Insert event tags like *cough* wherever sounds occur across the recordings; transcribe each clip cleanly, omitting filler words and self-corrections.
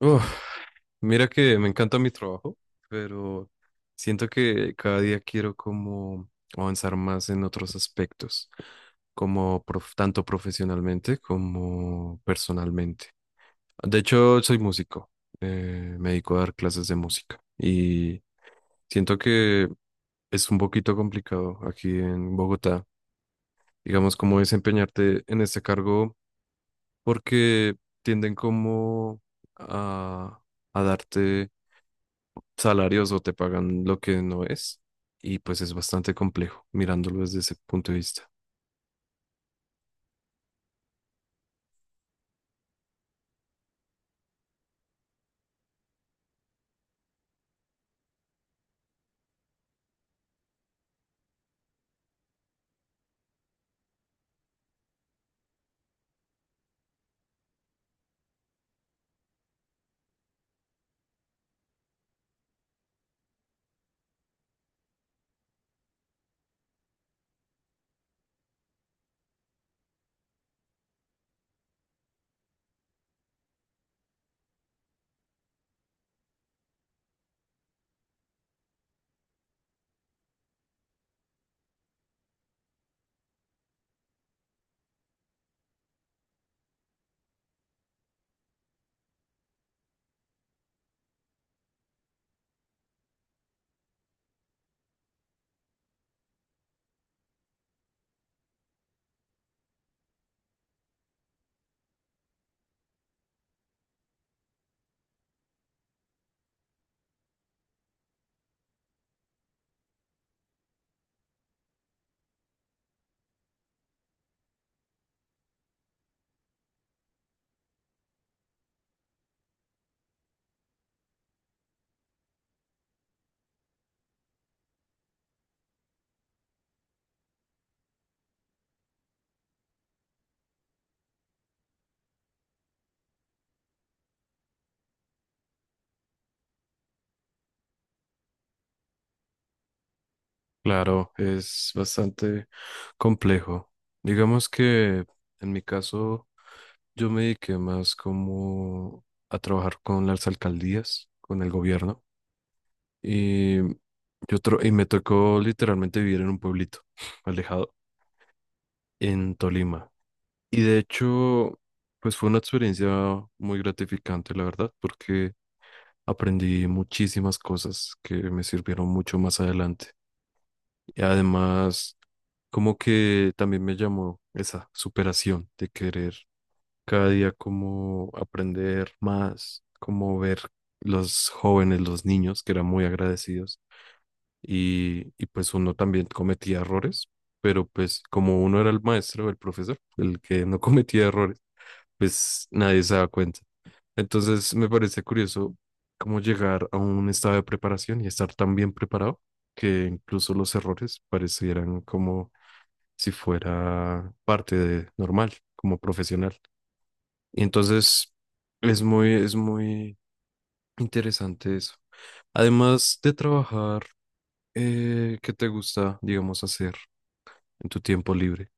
Uf, mira que me encanta mi trabajo, pero siento que cada día quiero como avanzar más en otros aspectos, tanto profesionalmente como personalmente. De hecho, soy músico, me dedico a dar clases de música y siento que es un poquito complicado aquí en Bogotá, digamos, como desempeñarte en este cargo porque tienden como a, a darte salarios o te pagan lo que no es. Y pues es bastante complejo mirándolo desde ese punto de vista. Claro, es bastante complejo. Digamos que en mi caso yo me dediqué más como a trabajar con las alcaldías, con el gobierno. Y, y me tocó literalmente vivir en un pueblito *sniffs* *laughs* alejado en Tolima. Y de hecho, pues fue una experiencia muy gratificante, la verdad, porque aprendí muchísimas cosas que me sirvieron mucho más adelante. Y además, como que también me llamó esa superación de querer cada día como aprender más, como ver los jóvenes, los niños que eran muy agradecidos y, pues uno también cometía errores, pero pues como uno era el maestro, el profesor, el que no *laughs* cometía errores, pues nadie se da cuenta. Entonces me parece curioso cómo llegar a un estado de preparación y estar tan bien preparado que incluso los errores parecieran como si fuera parte de normal, como profesional. Y entonces es muy interesante eso. Además de trabajar, ¿qué te gusta, digamos, hacer en tu tiempo libre?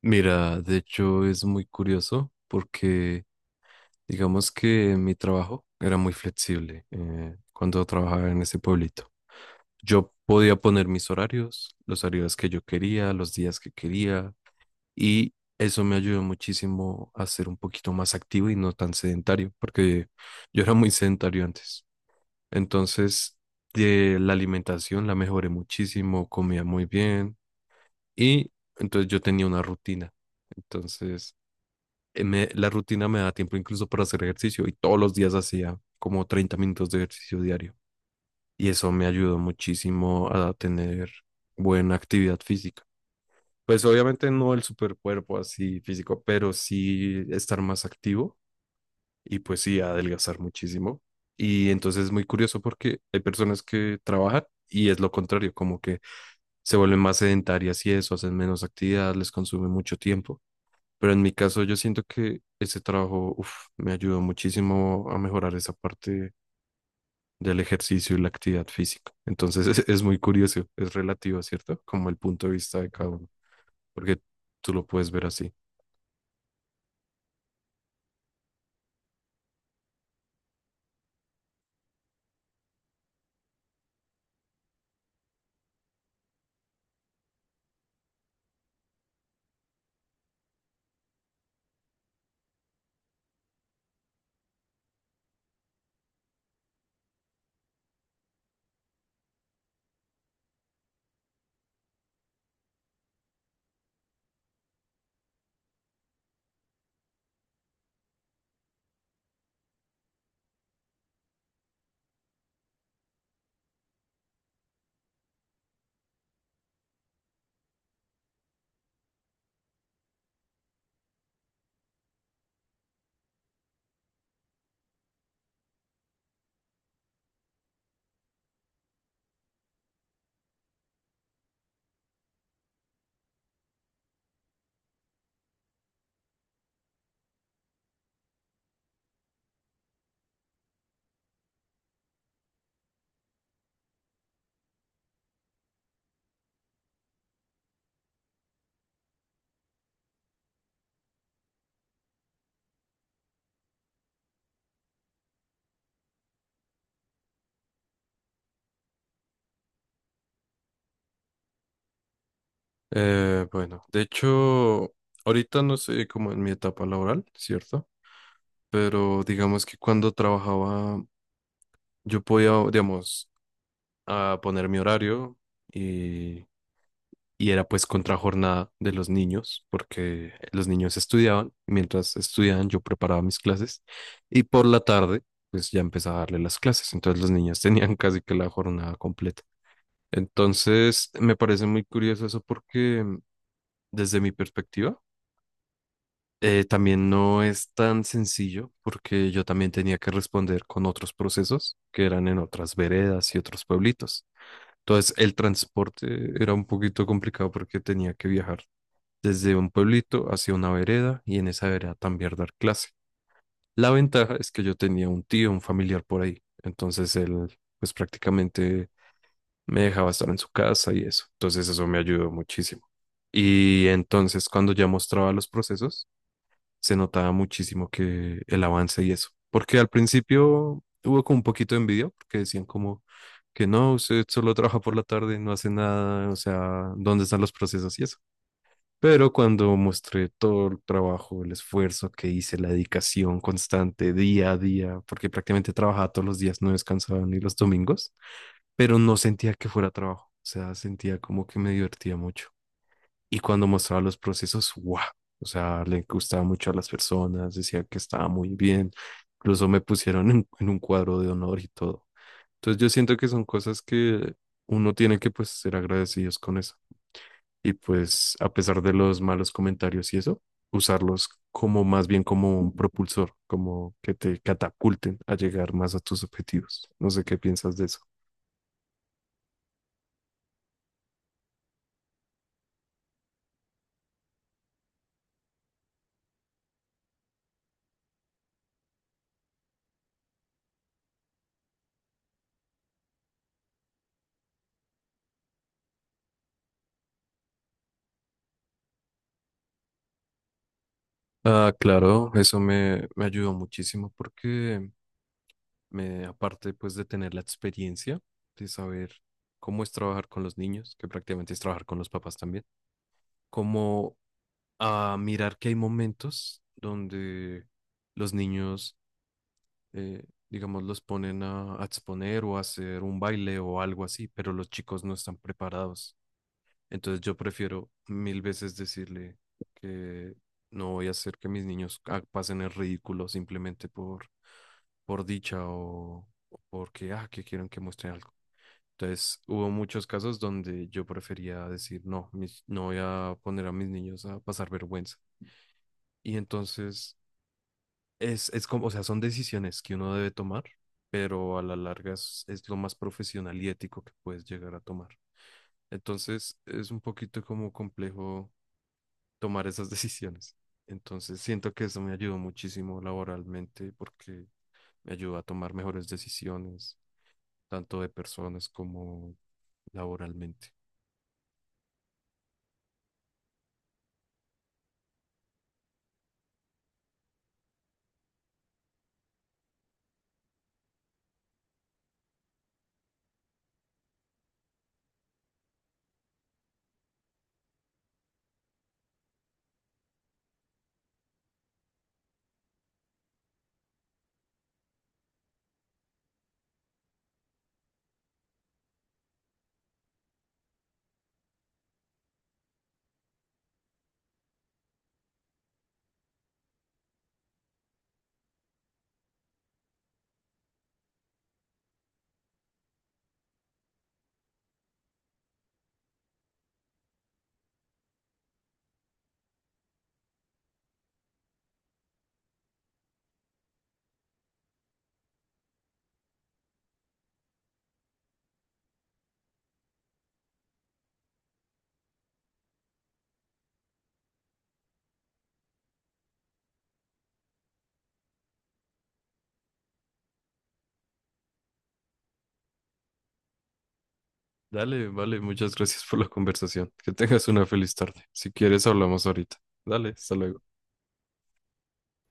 Mira, de hecho es muy curioso porque digamos que mi trabajo era muy flexible cuando trabajaba en ese pueblito. Yo podía poner mis horarios, los horarios que yo quería, los días que quería, y eso me ayudó muchísimo a ser un poquito más activo y no tan sedentario, porque yo era muy sedentario antes. Entonces, de la alimentación la mejoré muchísimo, comía muy bien, y entonces yo tenía una rutina. Entonces, la rutina me da tiempo incluso para hacer ejercicio y todos los días hacía como 30 minutos de ejercicio diario y eso me ayudó muchísimo a tener buena actividad física. Pues obviamente no el super cuerpo así físico, pero sí estar más activo y pues sí adelgazar muchísimo. Y entonces es muy curioso porque hay personas que trabajan y es lo contrario, como que se vuelven más sedentarias y eso, hacen menos actividad, les consume mucho tiempo. Pero en mi caso yo siento que ese trabajo uf, me ayudó muchísimo a mejorar esa parte del ejercicio y la actividad física. Entonces *laughs* es muy curioso, es relativo, ¿cierto? Como el punto de vista de cada uno, porque tú lo puedes ver así. Bueno, de hecho, ahorita no sé como en mi etapa laboral, ¿cierto? Pero digamos que cuando trabajaba yo podía, digamos, a poner mi horario. y y era pues contrajornada de los niños, porque los niños estudiaban, mientras estudiaban yo preparaba mis clases y por la tarde pues ya empezaba a darle las clases, entonces los niños *laughs* tenían casi que la jornada completa. Entonces me parece muy curioso eso porque desde mi perspectiva también no es tan sencillo porque yo también tenía que responder con otros procesos que eran en otras veredas y otros pueblitos. Entonces el transporte era un poquito complicado porque tenía que viajar desde un pueblito hacia una vereda y en esa vereda también dar clase. La ventaja es que yo tenía un tío, un familiar por ahí, entonces él pues prácticamente me dejaba estar en su casa y eso, entonces eso me ayudó muchísimo. Y entonces cuando ya mostraba los procesos, se notaba muchísimo que el avance y eso, porque al principio hubo como un poquito de envidia, porque decían como que no, usted solo trabaja por la tarde, no hace nada, o sea, ¿dónde están los procesos y eso? Pero cuando mostré todo el trabajo, el esfuerzo que hice, la dedicación constante día a día, porque prácticamente trabajaba todos los días, no descansaba ni los domingos, pero no sentía que fuera trabajo, o sea, sentía como que me divertía mucho. Y cuando mostraba los procesos, ¡guau! O sea, le gustaba mucho a las personas, decía que estaba muy bien, incluso me pusieron en un cuadro de honor y todo. Entonces yo siento que son cosas que uno tiene que pues ser agradecidos con eso y pues a pesar de los malos comentarios y eso, usarlos como más bien como un propulsor, como que te catapulten a llegar más a tus objetivos. No sé qué piensas de eso. Ah, claro, me ayudó muchísimo porque me, aparte pues de tener la experiencia de saber cómo es trabajar con los niños, que prácticamente es trabajar con los papás también, como a mirar que hay momentos donde los niños eh, digamos, los ponen a exponer o a hacer un baile o algo así, pero los chicos no están preparados. Entonces yo prefiero mil veces decirle que no voy a hacer que mis niños ah, pasen el ridículo simplemente por dicha o porque, ah, que quieren que muestre algo. Entonces hubo muchos casos donde yo prefería decir, no, no voy a poner a mis niños a pasar vergüenza. Y entonces es como, o sea, son decisiones que uno debe tomar, pero a la larga es lo más profesional y ético que puedes llegar a tomar. Entonces, es un poquito como complejo tomar esas *laughs* decisiones. Entonces, siento que eso me ayudó muchísimo laboralmente porque me ayudó a tomar mejores decisiones, tanto de personas como laboralmente. Dale, vale, muchas gracias por la conversación. Que tengas una feliz tarde. Si quieres, hablamos ahorita. Dale, hasta luego.